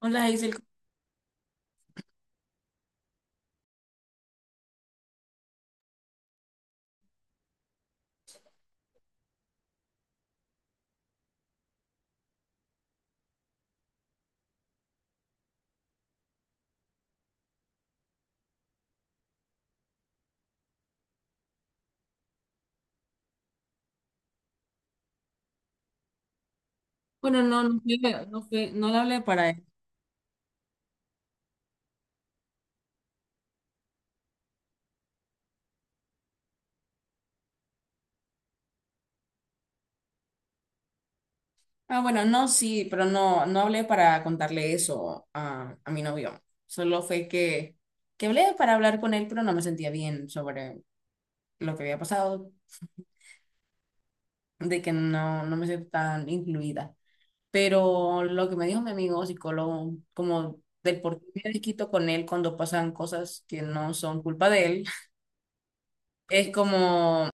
Hola, Isel. Bueno, no le hablé para él. No hablé para contarle eso a mi novio. Solo fue que, que hablé para hablar con él, pero no me sentía bien sobre lo que había pasado, de que no, no me sentía tan incluida. Pero lo que me dijo mi amigo psicólogo, como del por qué me desquito con él cuando pasan cosas que no son culpa de él, es como.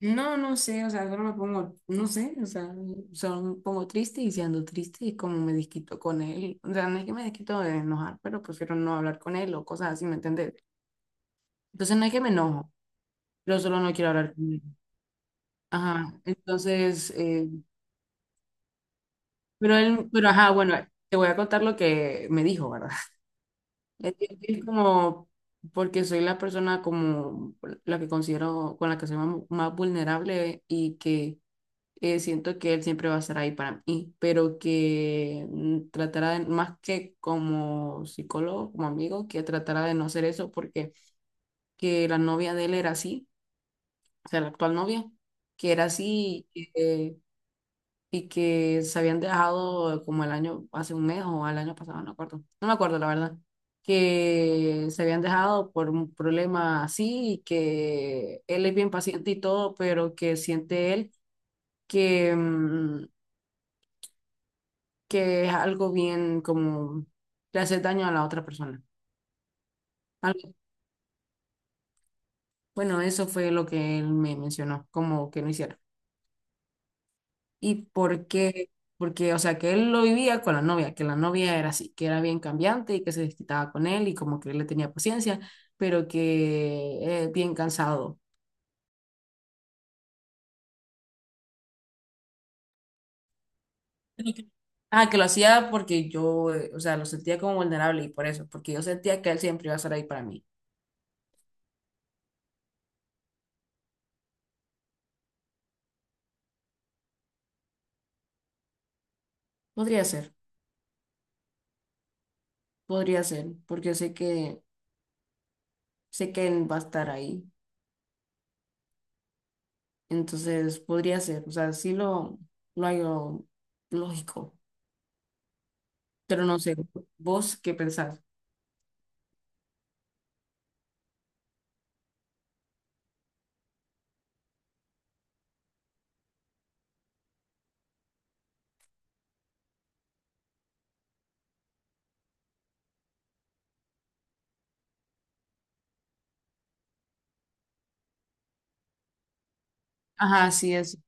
No sé, o sea, solo me pongo, no sé, o sea, solo me pongo triste y si ando triste y como me desquito con él, o sea, no es que me desquito de enojar, pero prefiero no hablar con él o cosas así, ¿me entiendes? Entonces no es que me enojo, yo solo no quiero hablar con él. Ajá, entonces, bueno, te voy a contar lo que me dijo, ¿verdad? Es que es como, porque soy la persona como la que considero, con la que soy más vulnerable y que siento que él siempre va a estar ahí para mí, pero que tratará de, más que como psicólogo, como amigo, que tratará de no hacer eso porque que la novia de él era así, o sea, la actual novia, que era así y que se habían dejado como el año, hace un mes o al año pasado, no me acuerdo, no me acuerdo la verdad, que se habían dejado por un problema así y que él es bien paciente y todo, pero que siente él que... mm, que es algo bien como le hace daño a la otra persona. Algo- Bueno, eso fue lo que él me mencionó, como que no hiciera. ¿Y por qué? Porque, o sea, que él lo vivía con la novia, que la novia era así, que era bien cambiante y que se desquitaba con él y como que él le tenía paciencia, pero que bien cansado. Ah, que lo hacía porque yo, o sea, lo sentía como vulnerable y por eso, porque yo sentía que él siempre iba a estar ahí para mí. Podría ser, podría ser, porque sé que él va a estar ahí. Entonces podría ser, o sea, lo hallo lógico, pero no sé, vos qué pensás. Ajá, sí, es.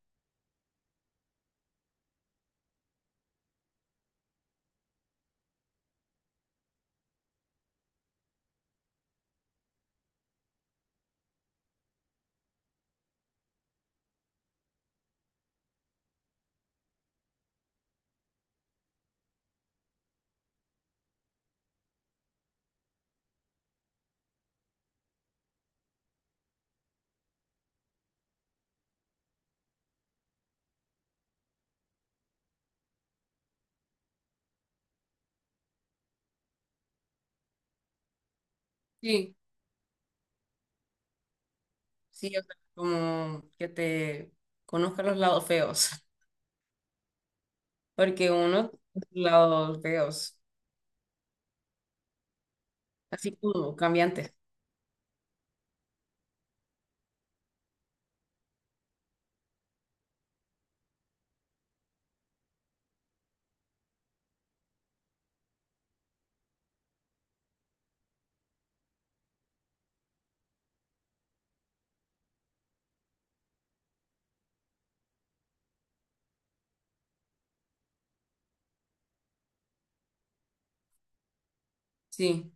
Sí. Sí, o sea, como que te conozca los lados feos, porque uno tiene lados feos, así como cambiantes. Sí.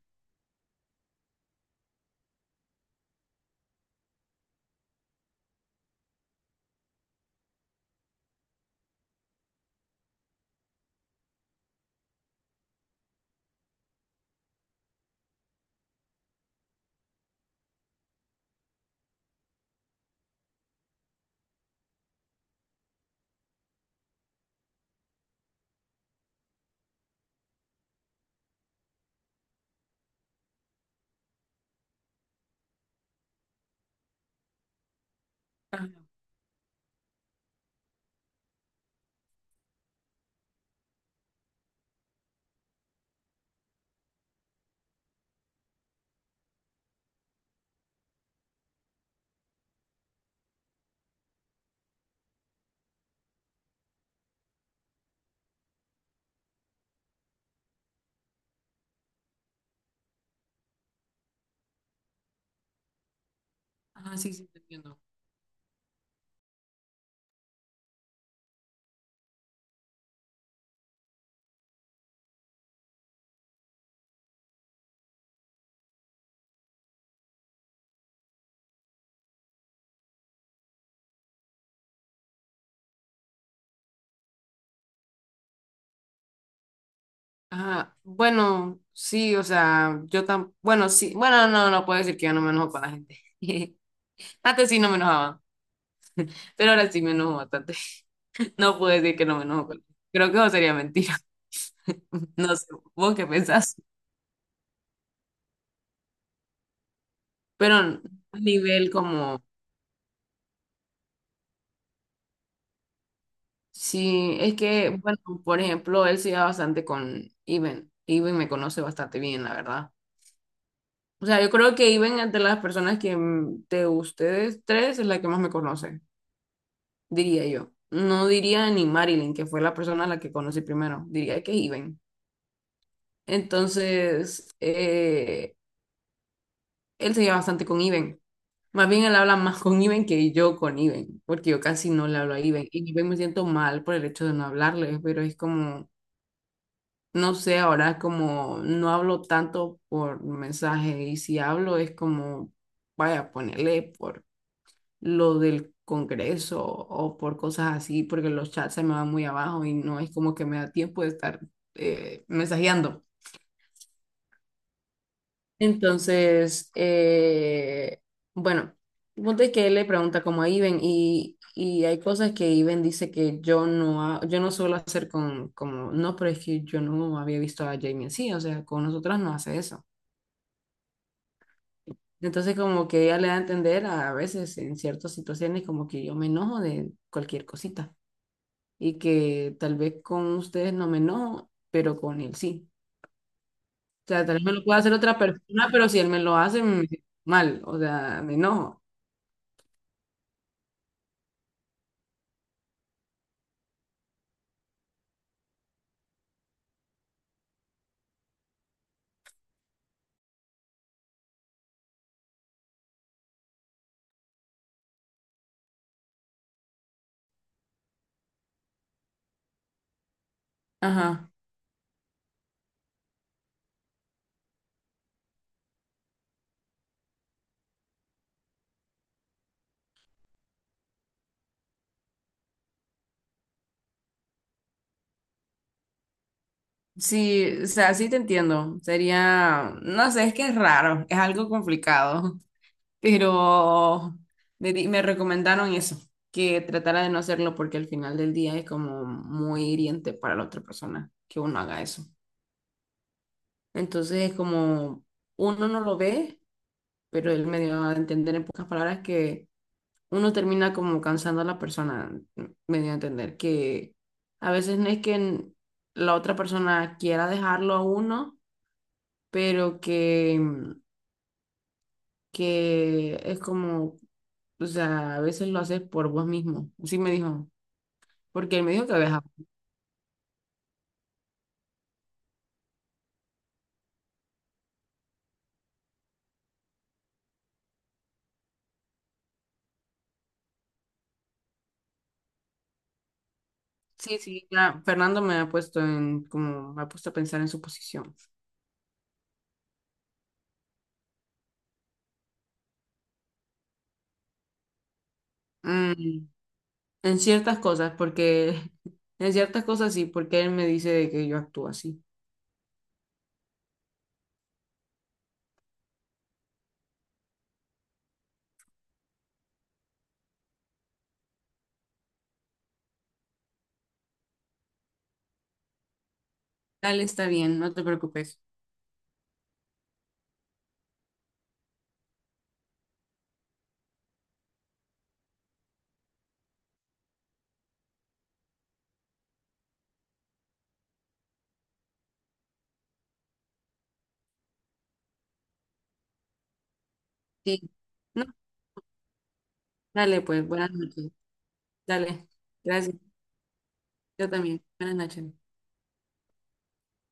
Ajá, ajá, sí, sí, te entiendo. Ajá, bueno, sí, o sea, yo tan, bueno, sí, bueno, no, no puedo decir que yo no me enojo con la gente. Antes sí no me enojaba, pero ahora sí me enojo bastante. No puedo decir que no me enojo con él. Creo que eso sería mentira. No sé, vos qué pensás. Pero a nivel como, sí, es que, bueno, por ejemplo, él se lleva bastante con Iben. Iben me conoce bastante bien, la verdad. O sea, yo creo que Iben es de las personas que de ustedes tres es la que más me conoce, diría yo. No diría ni Marilyn, que fue la persona a la que conocí primero, diría que Iben. Entonces, él se lleva bastante con Iben. Más bien él habla más con Iben que yo con Iben, porque yo casi no le hablo a Iben. Y Iben me siento mal por el hecho de no hablarle, pero es como, no sé, ahora como no hablo tanto por mensaje y si hablo es como, vaya, ponerle por lo del Congreso o por cosas así, porque los chats se me van muy abajo y no es como que me da tiempo de estar mensajeando. Entonces, bueno, el punto es que él le pregunta como a Iben y hay cosas que Iben dice que yo no suelo hacer no, pero es que yo no había visto a Jamie así, o sea, con nosotras no hace eso. Entonces, como que ella le da a entender a veces en ciertas situaciones como que yo me enojo de cualquier cosita y que tal vez con ustedes no me enojo, pero con él sí. O sea, tal vez me lo pueda hacer otra persona, pero si él me lo hace, me siento mal, o sea, me enojo. Ajá. Sí, o sea, sí te entiendo. Sería, no sé, es que es raro, es algo complicado, pero me recomendaron eso, que tratara de no hacerlo porque al final del día es como muy hiriente para la otra persona que uno haga eso. Entonces es como uno no lo ve, pero él me dio a entender en pocas palabras que uno termina como cansando a la persona, me dio a entender que a veces no es que la otra persona quiera dejarlo a uno pero que es como, o sea, a veces lo haces por vos mismo. Sí me dijo, porque él me dijo que viajaba. Sí, sí, ya Fernando me ha puesto me ha puesto a pensar en su posición. Mm, en ciertas cosas, porque, en ciertas cosas sí, porque él me dice de que yo actúo así. Dale, está bien, no te preocupes. Sí. No, dale, pues, buenas noches. Dale, gracias. Yo también. Buenas noches.